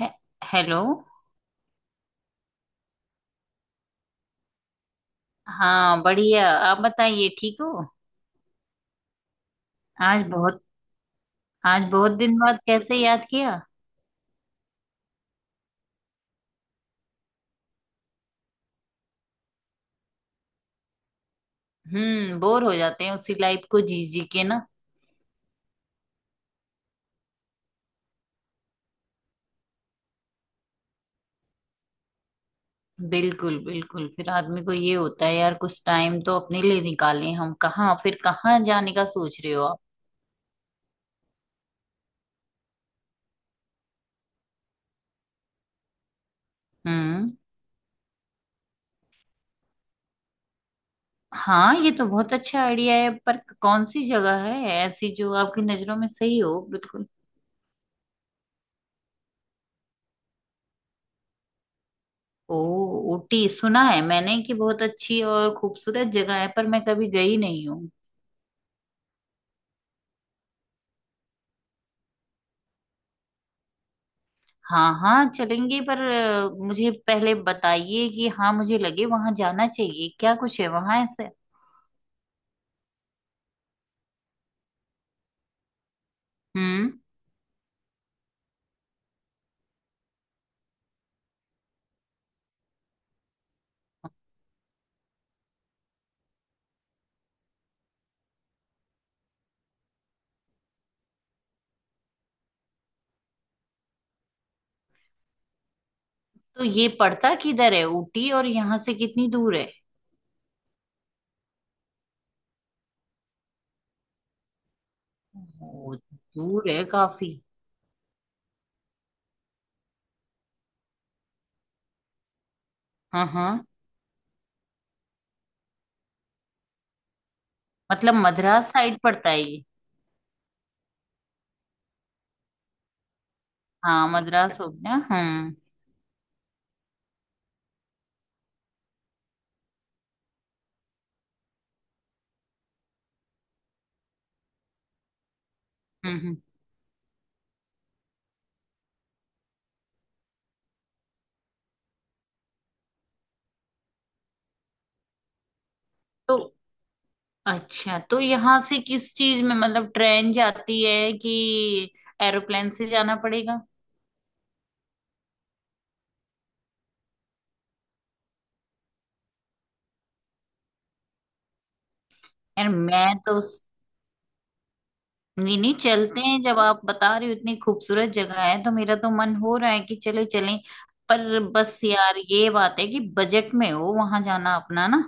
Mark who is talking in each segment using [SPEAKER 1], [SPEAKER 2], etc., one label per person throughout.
[SPEAKER 1] हे, hello. हाँ बढ़िया, आप बताइए ठीक हो? आज बहुत, आज बहुत दिन बाद कैसे याद किया? हम्म, बोर हो जाते हैं उसी लाइफ को जी जी के ना। बिल्कुल बिल्कुल, फिर आदमी को ये होता है यार कुछ टाइम तो अपने लिए निकालें हम। कहाँ फिर, कहाँ जाने का सोच रहे हो आप? हम्म। हाँ ये तो बहुत अच्छा आइडिया है, पर कौन सी जगह है ऐसी जो आपकी नजरों में सही हो बिल्कुल? ओ, ऊटी सुना है मैंने कि बहुत अच्छी और खूबसूरत जगह है, पर मैं कभी गई नहीं हूँ। हाँ हाँ चलेंगे, पर मुझे पहले बताइए कि हाँ मुझे लगे वहां जाना चाहिए, क्या कुछ है वहां ऐसे? हम्म, तो ये पड़ता किधर है ऊटी, और यहाँ से कितनी दूर है? ओ, दूर है काफी। हाँ हाँ, मतलब मद्रास साइड पड़ता है ये? हाँ मद्रास हो गया। हम्म। हम्म। तो अच्छा, तो यहाँ से किस चीज में मतलब ट्रेन जाती है कि एरोप्लेन से जाना पड़ेगा? यार मैं तो, नहीं नहीं चलते हैं, जब आप बता रहे हो इतनी खूबसूरत जगह है तो मेरा तो मन हो रहा है कि चले चलें। पर बस यार ये बात है कि बजट में हो वहां जाना अपना ना।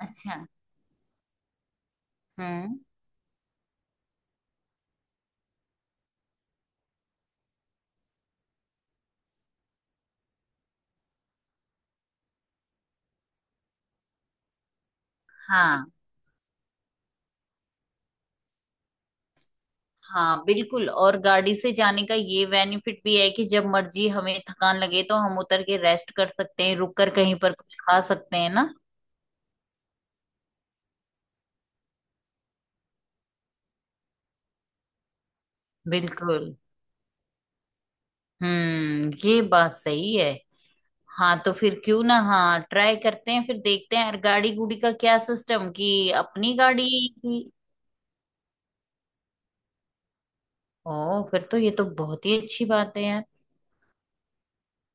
[SPEAKER 1] अच्छा। हम्म। हाँ हाँ बिल्कुल, और गाड़ी से जाने का ये बेनिफिट भी है कि जब मर्जी हमें थकान लगे तो हम उतर के रेस्ट कर सकते हैं, रुक कर कहीं पर कुछ खा सकते हैं ना। बिल्कुल। हम्म, ये बात सही है। हाँ तो फिर क्यों ना, हाँ ट्राई करते हैं, फिर देखते हैं यार गाड़ी गुड़ी का क्या सिस्टम, कि अपनी गाड़ी की? ओ फिर तो ये तो बहुत ही अच्छी बात है यार।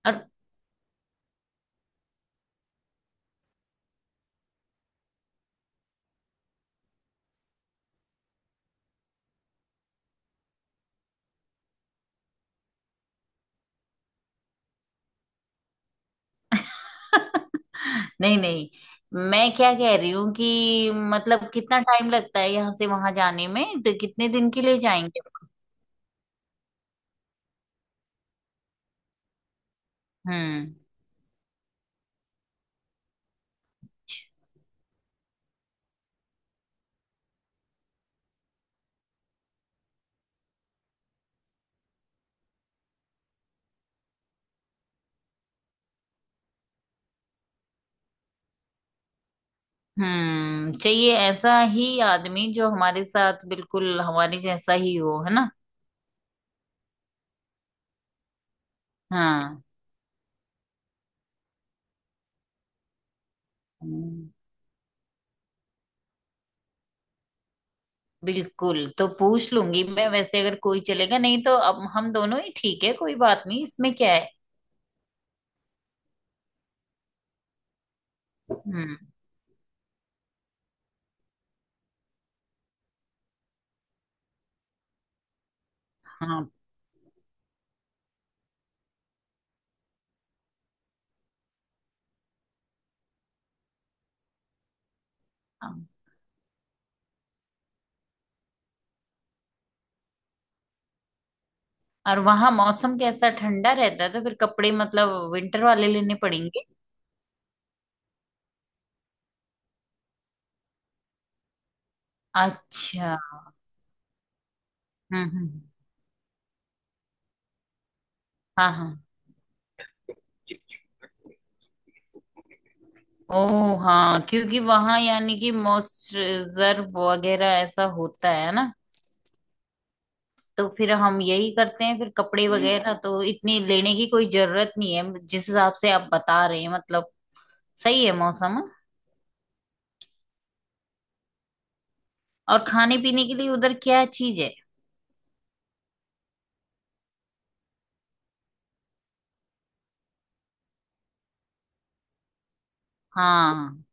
[SPEAKER 1] और नहीं नहीं, मैं क्या कह रही हूँ कि मतलब कितना टाइम लगता है यहाँ से वहां जाने में, तो कितने दिन के लिए जाएंगे? हम्म। हम्म, चाहिए ऐसा ही आदमी जो हमारे साथ बिल्कुल हमारे जैसा ही हो, है ना। हाँ। हम्म। बिल्कुल, तो पूछ लूंगी मैं, वैसे अगर कोई चलेगा नहीं तो अब हम दोनों ही ठीक है, कोई बात नहीं इसमें क्या है। हम्म। हाँ हाँ। और वहां मौसम कैसा, ठंडा रहता है तो फिर कपड़े मतलब विंटर वाले लेने पड़ेंगे? अच्छा। हम्म। हाँ हाँ। ओ हाँ, क्योंकि वहां यानी कि मॉइस्चराइजर वगैरह ऐसा होता है ना। तो फिर हम यही करते हैं, फिर कपड़े वगैरह तो इतनी लेने की कोई जरूरत नहीं है जिस हिसाब से आप बता रहे हैं, मतलब सही है मौसम, हाँ? और खाने पीने के लिए उधर क्या चीज है? हाँ,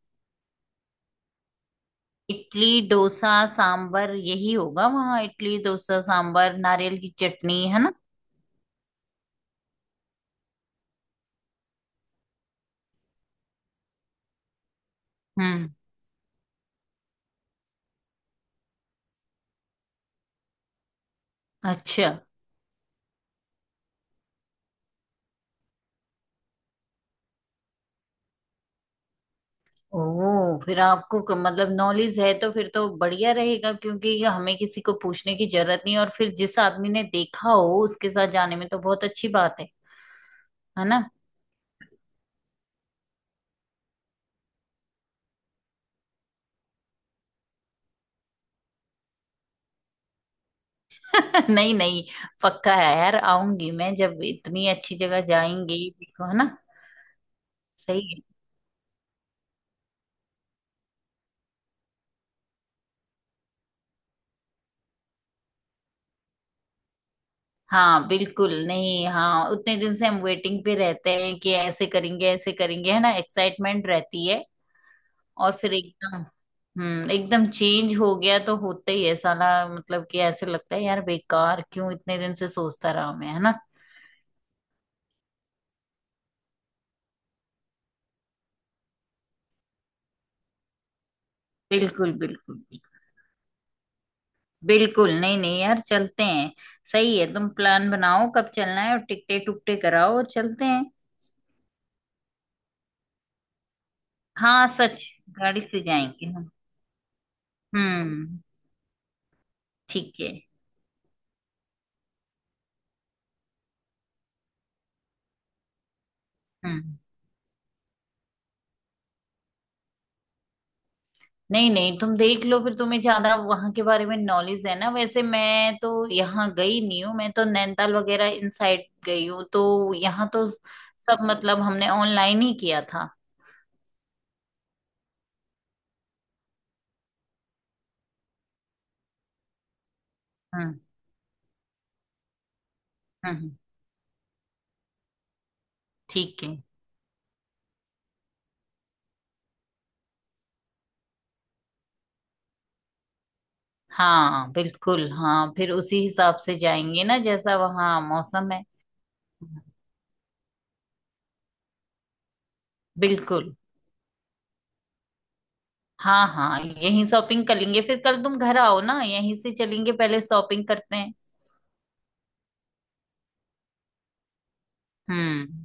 [SPEAKER 1] इडली डोसा सांबर यही होगा वहाँ, इडली डोसा सांबर नारियल की चटनी, है ना। हम्म। अच्छा। ओ फिर आपको क- मतलब नॉलेज है तो फिर तो बढ़िया रहेगा, क्योंकि ये हमें किसी को पूछने की जरूरत नहीं, और फिर जिस आदमी ने देखा हो उसके साथ जाने में तो बहुत अच्छी बात है ना। नहीं नहीं, पक्का है यार, आऊंगी मैं, जब इतनी अच्छी जगह जाएंगे देखो, है ना। सही, हाँ बिल्कुल। नहीं हाँ, उतने दिन से हम वेटिंग पे रहते हैं कि ऐसे करेंगे ऐसे करेंगे, है ना, एक्साइटमेंट रहती है। और फिर एकदम, हम्म, एकदम चेंज हो गया तो होता ही है साला। मतलब कि ऐसे लगता है यार बेकार क्यों इतने दिन से सोचता रहा मैं, है ना। बिल्कुल बिल्कुल। बिल्कुल नहीं नहीं यार, चलते हैं। सही है, तुम प्लान बनाओ कब चलना है, और टिकटे टुकटे कराओ और चलते हैं। हाँ सच। गाड़ी से जाएंगे हम। हम्म। ठीक है। हम्म, नहीं नहीं तुम देख लो, फिर तुम्हें ज्यादा वहां के बारे में नॉलेज है ना। वैसे मैं तो यहाँ गई नहीं हूँ, मैं तो नैनीताल वगैरह इन साइड गई हूँ, तो यहाँ तो सब मतलब हमने ऑनलाइन ही किया था। हम्म हम्म। ठीक है। हाँ बिल्कुल, हाँ फिर उसी हिसाब से जाएंगे ना जैसा वहाँ मौसम है। बिल्कुल। हाँ हाँ यहीं शॉपिंग कर लेंगे, फिर कल तुम घर आओ ना, यहीं से चलेंगे पहले शॉपिंग करते हैं। हम्म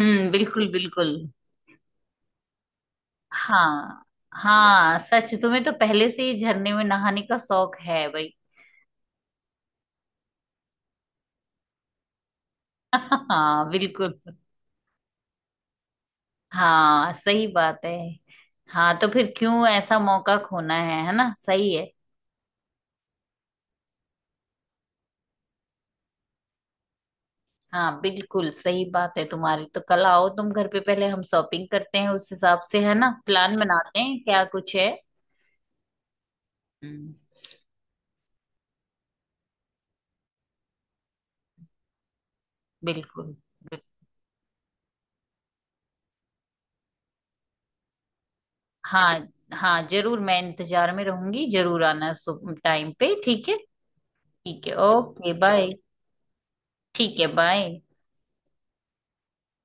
[SPEAKER 1] हम्म। बिल्कुल बिल्कुल। हाँ हाँ सच, तुम्हें तो पहले से ही झरने में नहाने का शौक है भाई। हाँ बिल्कुल। हाँ सही बात है। हाँ तो फिर क्यों ऐसा मौका खोना है ना, सही है। हाँ बिल्कुल सही बात है तुम्हारी, तो कल आओ तुम घर पे, पहले हम शॉपिंग करते हैं उस हिसाब से, है ना, प्लान बनाते हैं क्या कुछ है। हम्म। बिल्कुल बिल्कुल। हाँ हाँ जरूर, मैं इंतजार में रहूंगी, जरूर आना टाइम पे, ठीक है। ठीक है, ओके बाय। ठीक है, बाय।